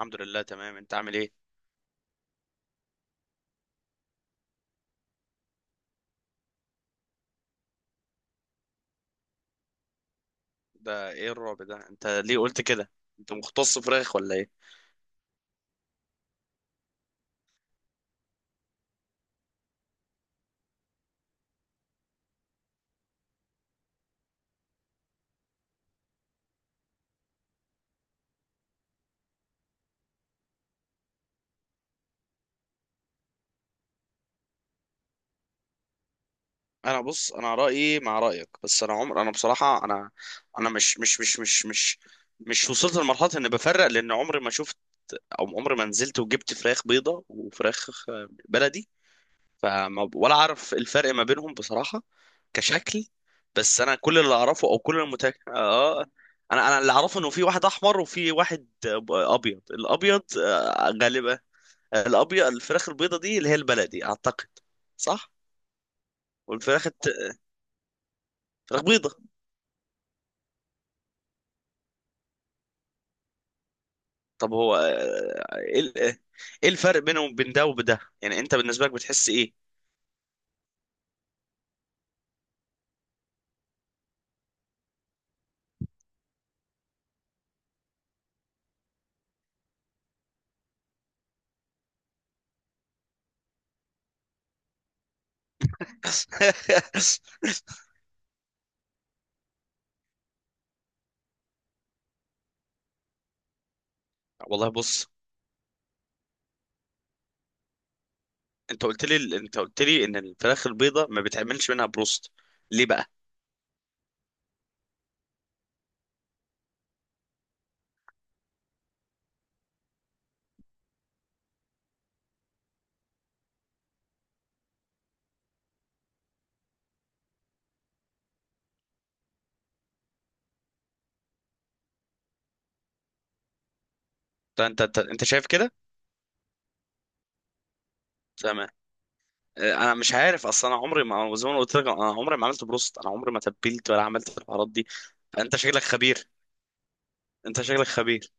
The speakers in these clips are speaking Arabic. الحمد لله، تمام. انت عامل ايه؟ ده ايه الرعب ده؟ انت ليه قلت كده؟ انت مختص فراخ ولا ايه؟ انا بص، انا رايي مع رايك، بس انا عمر انا بصراحه انا... انا مش وصلت لمرحله اني بفرق، لان عمري ما شفت او عمري ما نزلت وجبت فراخ بيضه وفراخ بلدي، فما ولا عارف الفرق ما بينهم بصراحه كشكل. بس انا كل اللي اعرفه او كل المتك... اه انا اللي اعرفه انه في واحد احمر وفي واحد ابيض. الابيض غالبا الابيض، الفراخ البيضه دي اللي هي البلدي اعتقد، صح؟ والفراخ الت... فراخ بيضه. طب هو ايه ال- ايه الفرق بينهم وبين ده وبده؟ يعني انت بالنسبه لك بتحس ايه؟ والله بص، انت قلت لي، انت قلت لي ان الفراخ البيضه ما بيتعملش منها بروست، ليه بقى؟ ده انت انت شايف كده؟ تمام. انا مش عارف اصلا، انا عمري ما، زي ما أنا قلت لك، انا عمري ما عملت بروست، انا عمري ما تبلت ولا عملت الحوارات دي. انت شكلك خبير. انت شكلك خبير.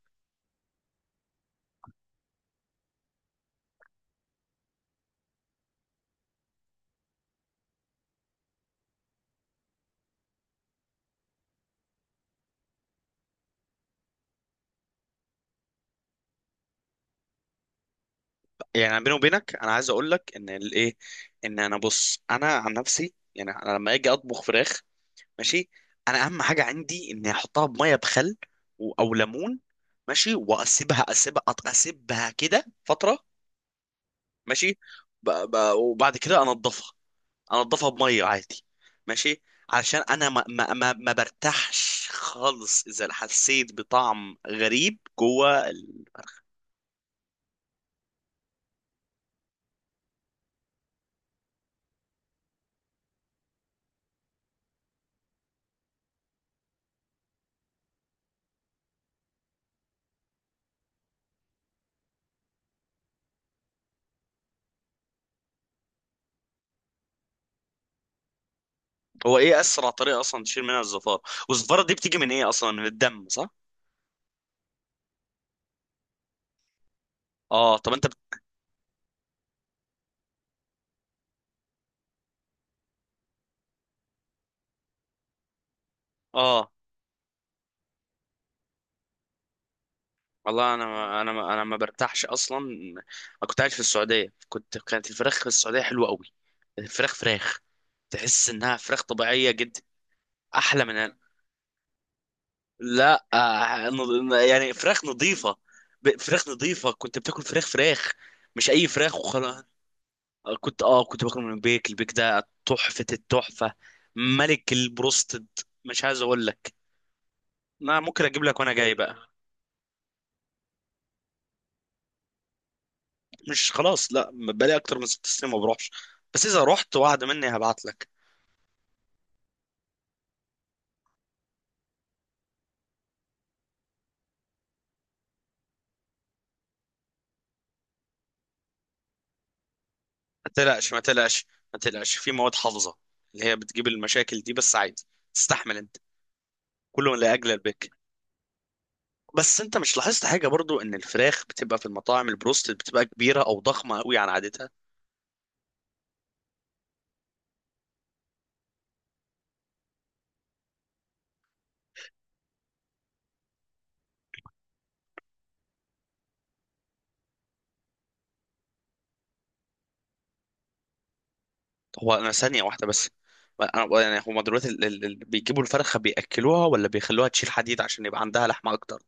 يعني بيني وبينك، انا عايز اقول لك ان الايه، ان انا بص انا عن نفسي، يعني انا لما اجي اطبخ فراخ، ماشي، انا اهم حاجه عندي اني احطها بميه بخل و- او ليمون، ماشي، واسيبها، اسيبها، أط- اسيبها كده فتره، ماشي. ب... ب... وبعد كده انضفها، انضفها بميه عادي، ماشي، علشان انا ما برتاحش خالص اذا حسيت بطعم غريب جوه. هو ايه اسرع طريقه اصلا تشيل منها الزفاره؟ والزفاره دي بتيجي من ايه اصلا؟ من الدم، صح؟ اه، طب انت بت... اه، والله انا ما برتاحش اصلا. انا كنت قاعد في السعوديه، كنت، كانت الفراخ في السعوديه حلوه قوي، الفراخ فراخ، تحس انها فراخ طبيعيه جدا، احلى من هنا. لا نض... يعني فراخ نظيفه، ب... فراخ نظيفه، كنت بتاكل فراخ فراخ، مش اي فراخ وخلاص. كنت اه كنت باكل من البيك، البيك ده تحفه التحفه، ملك البروستد، مش عايز اقول لك. ما ممكن اجيب لك وانا جاي بقى. مش خلاص، لا بقالي اكتر من 6 سنين ما بروحش، بس اذا رحت وعد مني هبعت لك. ما تقلقش، ما تقلقش، ما تقلقش في مواد حافظه اللي هي بتجيب المشاكل دي، بس عادي، تستحمل انت، كله لاجل البك. بس انت مش لاحظت حاجه برضو ان الفراخ بتبقى في المطاعم البروست بتبقى كبيره او ضخمه قوي عن عادتها؟ هو انا ثانيه واحده بس. انا يعني هما دلوقتي بيجيبوا الفرخه بياكلوها ولا بيخلوها تشيل حديد عشان يبقى عندها لحمه اكتر؟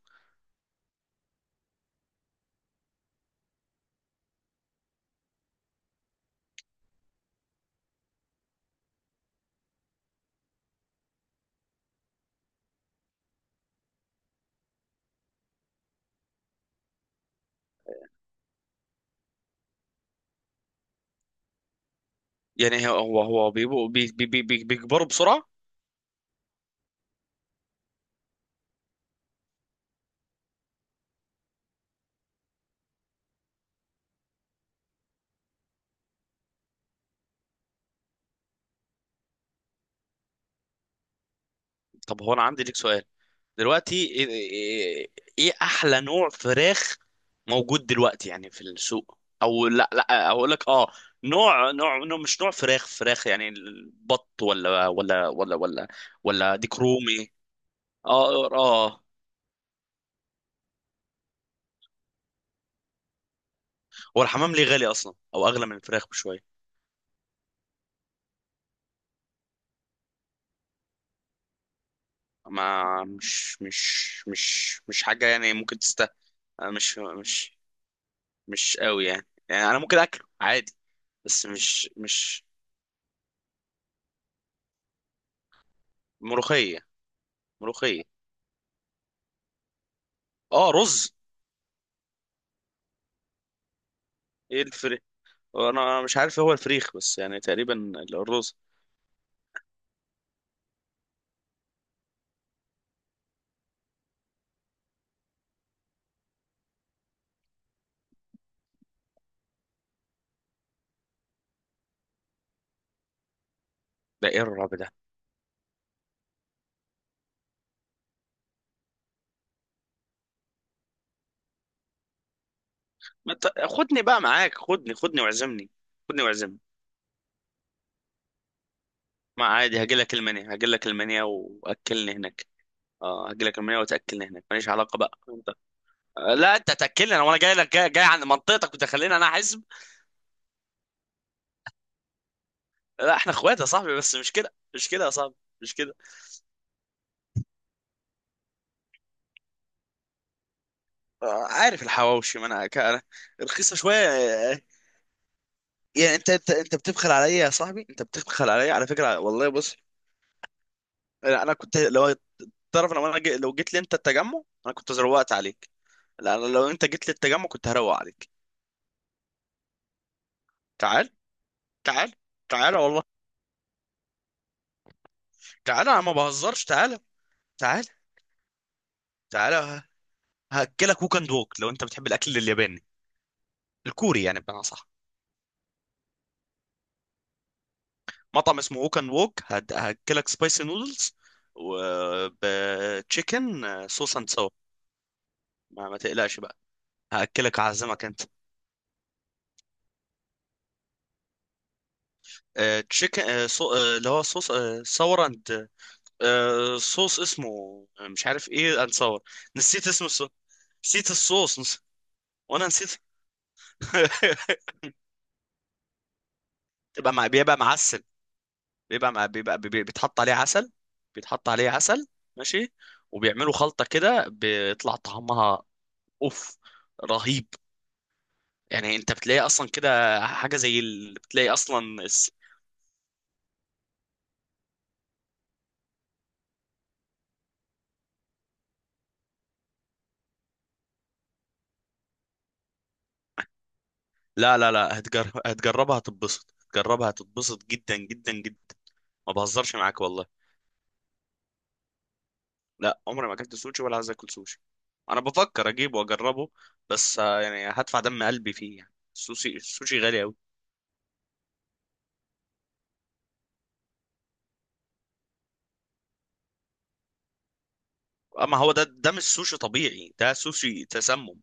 يعني هو بيبقوا بيكبروا بسرعه. طب هو انا عندي ليك سؤال، دلوقتي ايه، إيه- إيه احلى نوع فراخ موجود دلوقتي يعني في السوق او، لا لا اقول لك اه مش نوع فراخ، فراخ يعني، البط ولا ديك رومي؟ اه اه. هو الحمام ليه غالي اصلا او اغلى من الفراخ بشويه؟ ما مش حاجه يعني، ممكن تست... مش مش مش قوي يعني، يعني انا ممكن اكله عادي بس مش. ملوخيه. ملوخيه. اه، رز. ايه الفريخ؟ انا مش عارف هو الفريخ، بس يعني تقريبا الرز. ده ايه الرعب ده؟ ما ت... خدني بقى معاك، خدني، خدني واعزمني، خدني واعزمني. ما عادي هاجي لك المنيا، هاجي لك المنيا واكلني هناك. اه هاجي لك المنيا وتاكلني هناك، ماليش علاقه بقى انت. لا انت تاكلني، انا وانا جاي لك، جاي عند منطقتك وتخليني انا احزب. لا احنا اخوات يا صاحبي، بس مش كده مش كده يا صاحبي، مش كده. عارف الحواوشي، ما انا ك- أنا، رخيصه شويه يعني انت بتبخل عليا يا صاحبي، انت بتبخل عليا على فكره، والله بص. لا، انا كنت لو، تعرف لو انا جي... لو جيت لي انت التجمع انا كنت زروقت عليك. لا أنا لو انت جيت لي التجمع كنت هروق عليك. تعال، تعال، تعال والله. تعال انا ما بهزرش، تعال، تعال تعال ه- هاكلك ووك اند ووك لو انت بتحب الاكل الياباني، الكوري يعني بمعنى صح. مطعم اسمه ووك اند ووك، هد- هاكلك سبايسي نودلز وبتشيكن صوص اند سو... ما تقلقش بقى. هاكلك، اعزمك انت. تشيكن، اللي هو صوص، صور اند... آه صوص اسمه، مش عارف ايه اند ساور. نسيت اسم الصوص. نسيت الصوص، نس... وانا نسيت. تبقى مع... بيبقى معسل، بيبقى مع... بيبقى بي... بيتحط عليه عسل، بيتحط عليه عسل، ماشي، وبيعملوا خلطة كده بيطلع طعمها اوف، رهيب. يعني انت بتلاقي اصلا كده حاجة زي اللي بتلاقي اصلا الس... لا هتجر... هتجربها هتتبسط، هتجربها هتتبسط جدا جدا جدا. ما بهزرش معاك والله. لا عمري ما اكلت سوشي ولا عايز اكل سوشي، انا بفكر اجيبه واجربه بس يعني هدفع دم قلبي فيه يعني. السوشي، السوشي غالي قوي. اما هو ده، ده مش سوشي طبيعي، ده سوشي تسمم.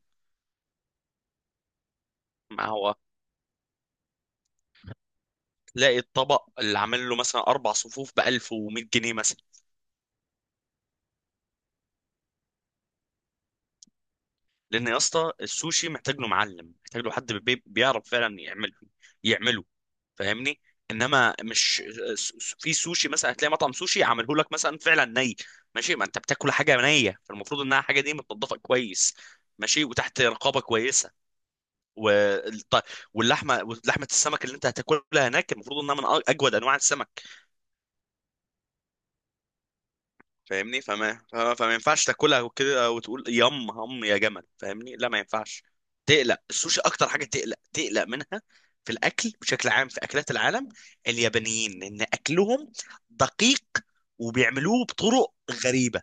ما هو تلاقي الطبق اللي عامل له مثلا اربع صفوف ب 1100 جنيه مثلا. لان يا اسطى السوشي محتاج له معلم، محتاج له حد بي- بيعرف فعلا يعمله، يعمله، فاهمني؟ انما مش س- في سوشي مثلا هتلاقي مطعم سوشي عامله لك مثلا فعلا ني، ماشي، ما انت بتاكل حاجه نيه، فالمفروض انها حاجه دي متنضفه كويس، ماشي، وتحت رقابه كويسه، والط... واللحمه، ولحمه السمك اللي انت هتاكلها هناك المفروض انها من أ- اجود انواع السمك. فاهمني؟ فما ينفعش تاكلها وكده وتقول يم هم يا جمل. فاهمني؟ لا ما ينفعش. تقلق السوشي، اكتر حاجه تقلق منها في الاكل بشكل عام، في اكلات العالم، اليابانيين، لان اكلهم دقيق وبيعملوه بطرق غريبه.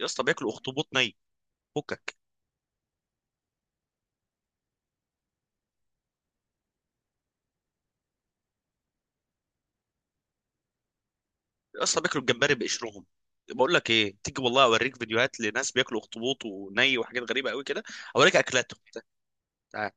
يا اسطى بياكلوا اخطبوط ني، فكك. يا اسطى بياكلوا الجمبري بقشرهم. بقول لك ايه، تيجي والله اوريك فيديوهات لناس بياكلوا اخطبوط وني وحاجات غريبه قوي كده، اوريك اكلاتهم. تعال.